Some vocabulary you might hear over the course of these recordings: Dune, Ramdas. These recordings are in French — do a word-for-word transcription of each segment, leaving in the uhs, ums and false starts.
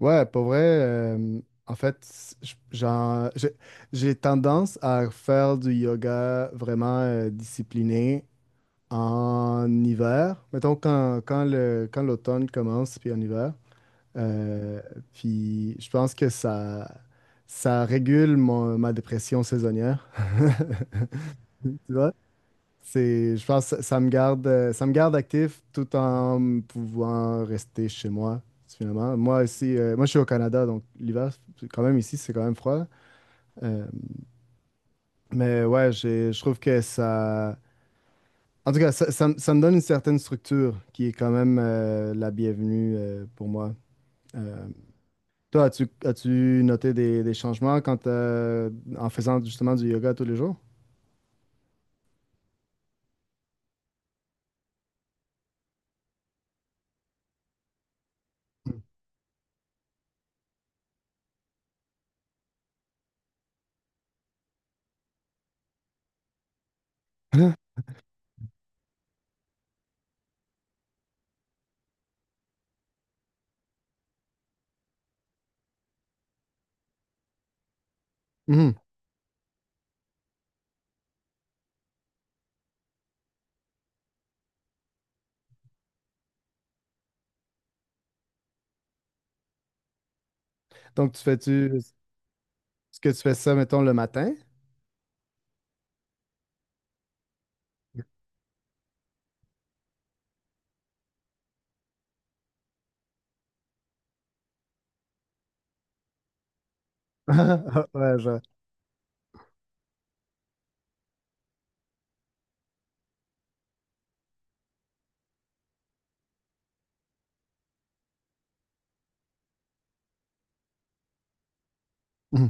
Ouais, pour vrai, euh, en fait, c- j- j'en- j'ai j'ai tendance à faire du yoga vraiment euh, discipliné en hiver. Mettons quand, quand le, quand l'automne commence, puis en hiver. Euh, Puis je pense que ça, ça régule mon- ma dépression saisonnière. Tu vois? C'est, je pense que ça me garde, euh, ça me garde actif tout en pouvant rester chez moi, finalement. Moi ici, euh, moi je suis au Canada, donc l'hiver, c'est quand même ici, c'est quand même froid. Euh, mais ouais, j'ai- je trouve que ça... En tout cas, ça, ça me ça me donne une certaine structure qui est quand même euh, la bienvenue euh, pour moi. Euh, Toi, as-tu, as-tu noté des, des changements quand, euh, en faisant justement du yoga tous les jours? Mhm. Donc, tu fais-tu... Est-ce que tu fais ça, mettons, le matin? Ouais, je- Mhm,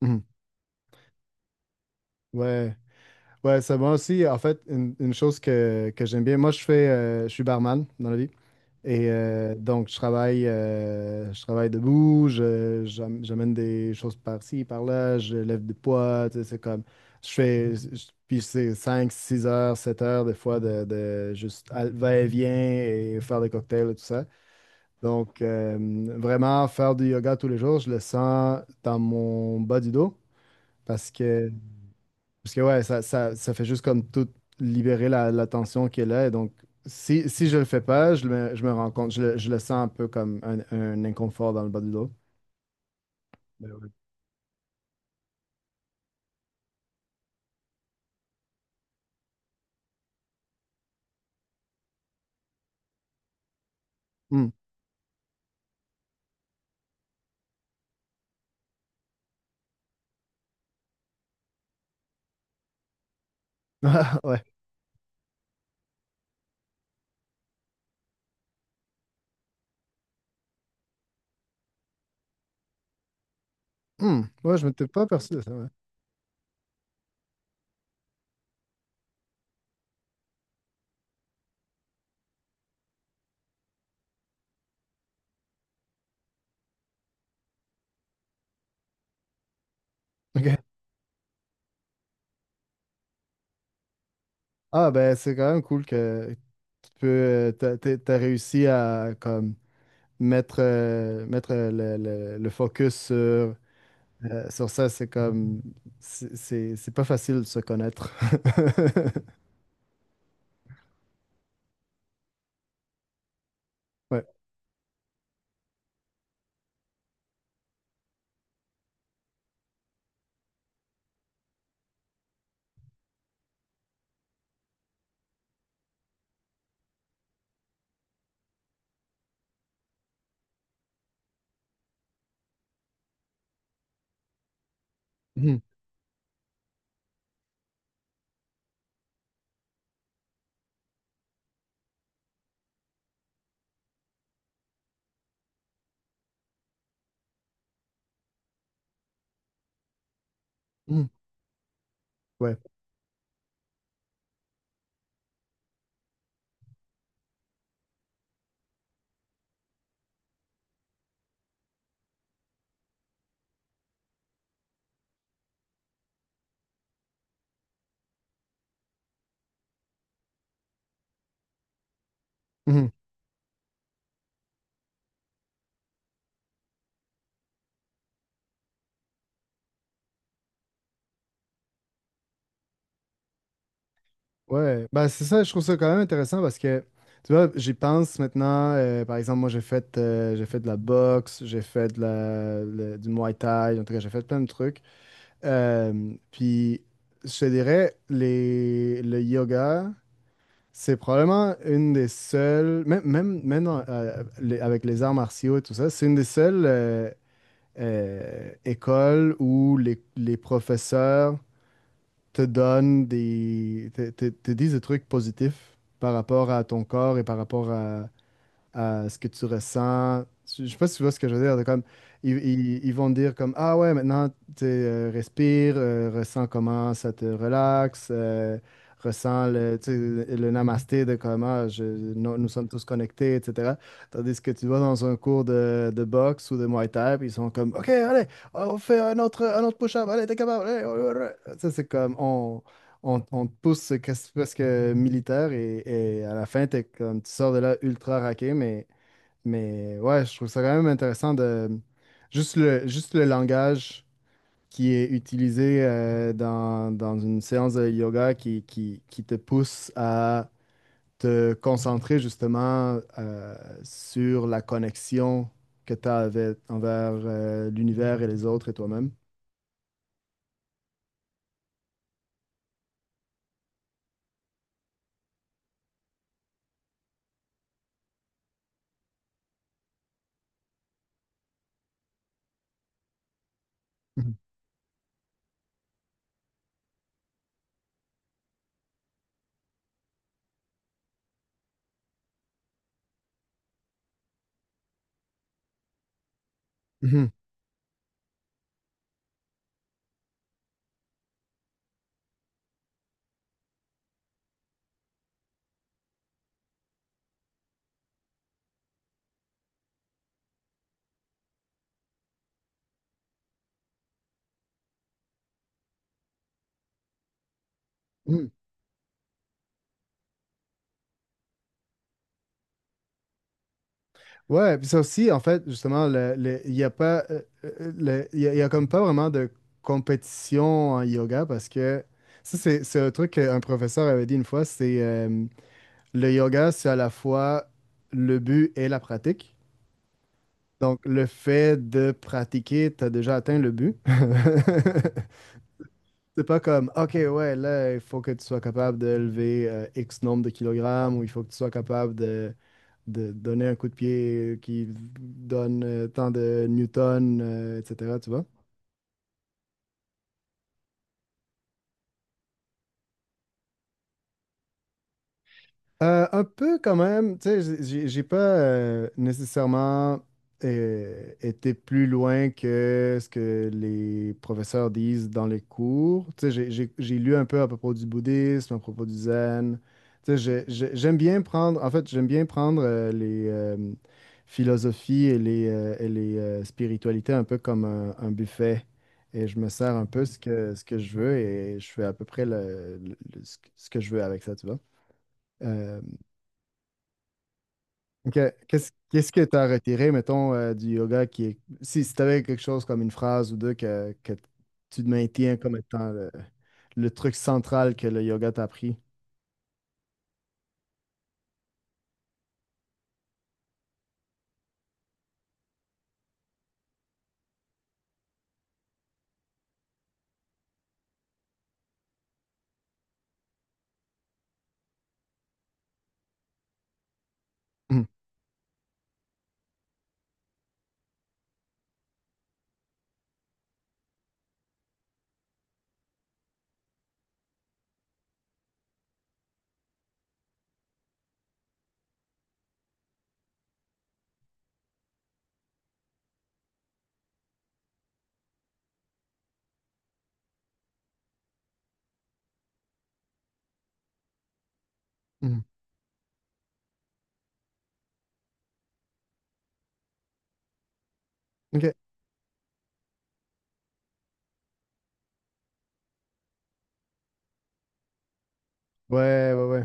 mhm. Ouais, ouais, c'est moi aussi. En fait, une, une chose que, que j'aime bien, moi, je fais, euh, je suis barman dans la vie. Et euh, donc, je travaille, euh, je travaille debout, je, j'am- j'amène des choses par-ci, par-là, je lève des poids, tu sais, c'est comme, je fais, je- puis c'est cinq six heures, sept heures des fois de, de juste à- va-et-vient et faire des cocktails et tout ça. Donc, euh, vraiment, faire du yoga tous les jours, je le sens dans mon bas du dos. Parce que, parce que ouais, ça, ça, ça fait juste comme tout libérer la, la tension qui est là. Et donc, si, si je le fais pas, je me, je me rends compte, je le, je le sens un peu comme un, un inconfort dans le bas du dos. Ben ouais. Hmm. Ah, ouais. Hmm. Ouais, je m'étais pas aperçu de ça. Ouais. Ok. Ah, ben, c'est quand même cool que tu peux, euh, t'as, t'as- t'as réussi à comme mettre, euh, mettre euh, le, le- le focus sur, euh, sur ça. C'est comme, c'est c'est- c'est pas facile de se connaître. Ouais. Hmm. Mhm. Ouais. Mhm. Ouais. Ben, c'est ça, je trouve ça quand même intéressant parce que, tu vois, j'y pense maintenant. Euh, par exemple, moi, j'ai fait, euh, j'ai fait de la boxe, j'ai fait de la, le- du Muay Thai, en tout cas, j'ai fait plein de trucs. Euh, puis, je te dirais, les, le yoga, c'est probablement une des seules, même, même, même dans- euh, les- avec les arts martiaux et tout ça, c'est une des seules euh, euh, écoles où les, les professeurs te donnent des, te, te- te disent des trucs positifs par rapport à ton corps et par rapport à, à ce que tu ressens. Je sais pas si tu vois ce que je veux dire. De Comme, ils, ils- ils vont te dire comme, ah ouais, maintenant, tu sais, euh, respire, euh, ressens comment ça te relaxe, euh, ressens le, tu sais, le namasté de comment je, nous, nous sommes tous connectés, et cætera. Tandis que tu vas dans un cours de, de boxe ou de Muay Thai, puis ils sont comme, OK, allez, on fait un autre, un autre push-up, allez, t'es capable, allez, allez, allez. Ça, c'est comme, on, on, on te pousse, c'est presque militaire et, et à la fin, t'es comme, tu sors de là ultra raqué, mais, mais ouais, je trouve ça quand même intéressant de juste le, juste le langage qui est utilisé euh, dans, dans une séance de yoga qui, qui, qui te pousse à te concentrer justement euh, sur la connexion que tu as envers euh, l'univers et les autres et toi-même. Mhm. Mhm. Ouais, puis ça aussi, en fait, justement, le, le- il y a pas, euh, euh, le- il y a, il y a comme pas vraiment de compétition en yoga parce que ça, c'est c'est un truc qu'un professeur avait dit une fois, c'est euh, le yoga, c'est à la fois le but et la pratique. Donc, le fait de pratiquer, tu as déjà atteint le but. C'est pas comme, OK, ouais, là, il faut que tu sois capable de lever euh, X nombre de kilogrammes ou il faut que tu sois capable de de donner un coup de pied qui donne euh, tant de newtons, euh, et cætera. Tu vois? Euh, un peu quand même, tu sais, j'ai j'ai- j'ai pas euh, nécessairement euh, été plus loin que ce que les professeurs disent dans les cours. Tu sais, j'ai j'ai- j'ai lu un peu à propos du bouddhisme, à propos du zen. Tu sais, j'ai- j'ai- j'aime bien prendre, en fait, j'aime bien prendre euh, les euh, philosophies et les, euh, et les euh, spiritualités un peu comme un, un buffet. Et je me sers un peu ce que, ce que je veux et je fais à peu près le, le- le- ce que ce que je veux avec ça, tu vois. Euh, Ok. Qu'est-ce qu'est-ce que tu as retiré, mettons, euh, du yoga qui est. Si, si tu avais quelque chose comme une phrase ou deux que, que tu maintiens comme étant le, le truc central que le yoga t'a appris. Mhm. Mhm. Ok. Ouais, ouais, ouais.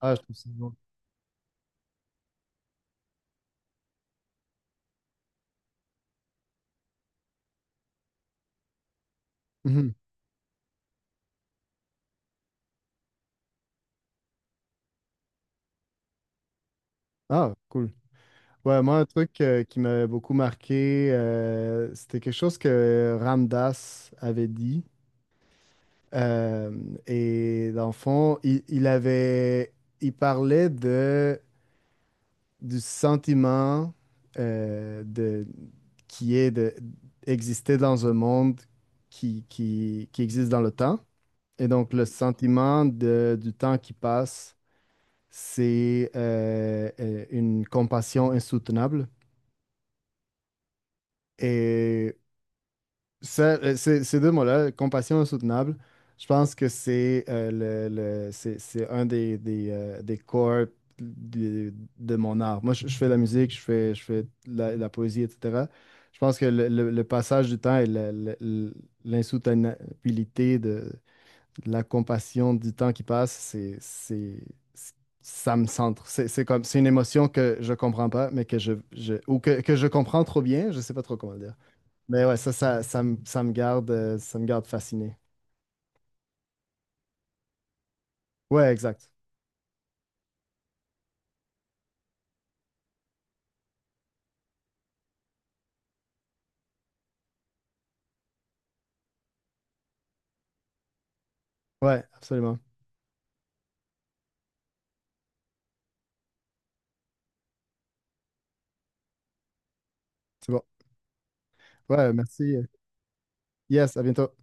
Ah, je trouve ça bon. Mhm. Ah, cool. Ouais, moi, un truc euh, qui m'avait beaucoup marqué, euh, c'était quelque chose que Ramdas avait dit. Euh, et dans le fond, il, il avait. Il parlait de. Du sentiment euh, de, qui est de- d'exister dans un monde qui, qui, qui existe dans le temps. Et donc, le sentiment de- du temps qui passe, c'est euh, euh, une compassion insoutenable. Et ça, euh, ces, ces deux mots-là, compassion insoutenable, je pense que c'est euh, le, le- c'est, c'est un des, des, euh, des corps de, de mon art. Moi, je, je fais de la musique, je fais, je fais de la, de la poésie, et cætera. Je pense que le, le- le passage du temps et le- le- le- l'insoutenabilité de, de la compassion du temps qui passe, c'est, c'est, c'est- ça me centre. C'est c'est comme, c'est une émotion que je comprends pas, mais que je, je- ou que, que je comprends trop bien, je sais pas trop comment le dire. Mais ouais, ça, ça, ça, me ça me garde, euh, ça me garde fasciné. Ouais, exact. Ouais, absolument. C'est bon. Ouais, merci. Yes, à bientôt.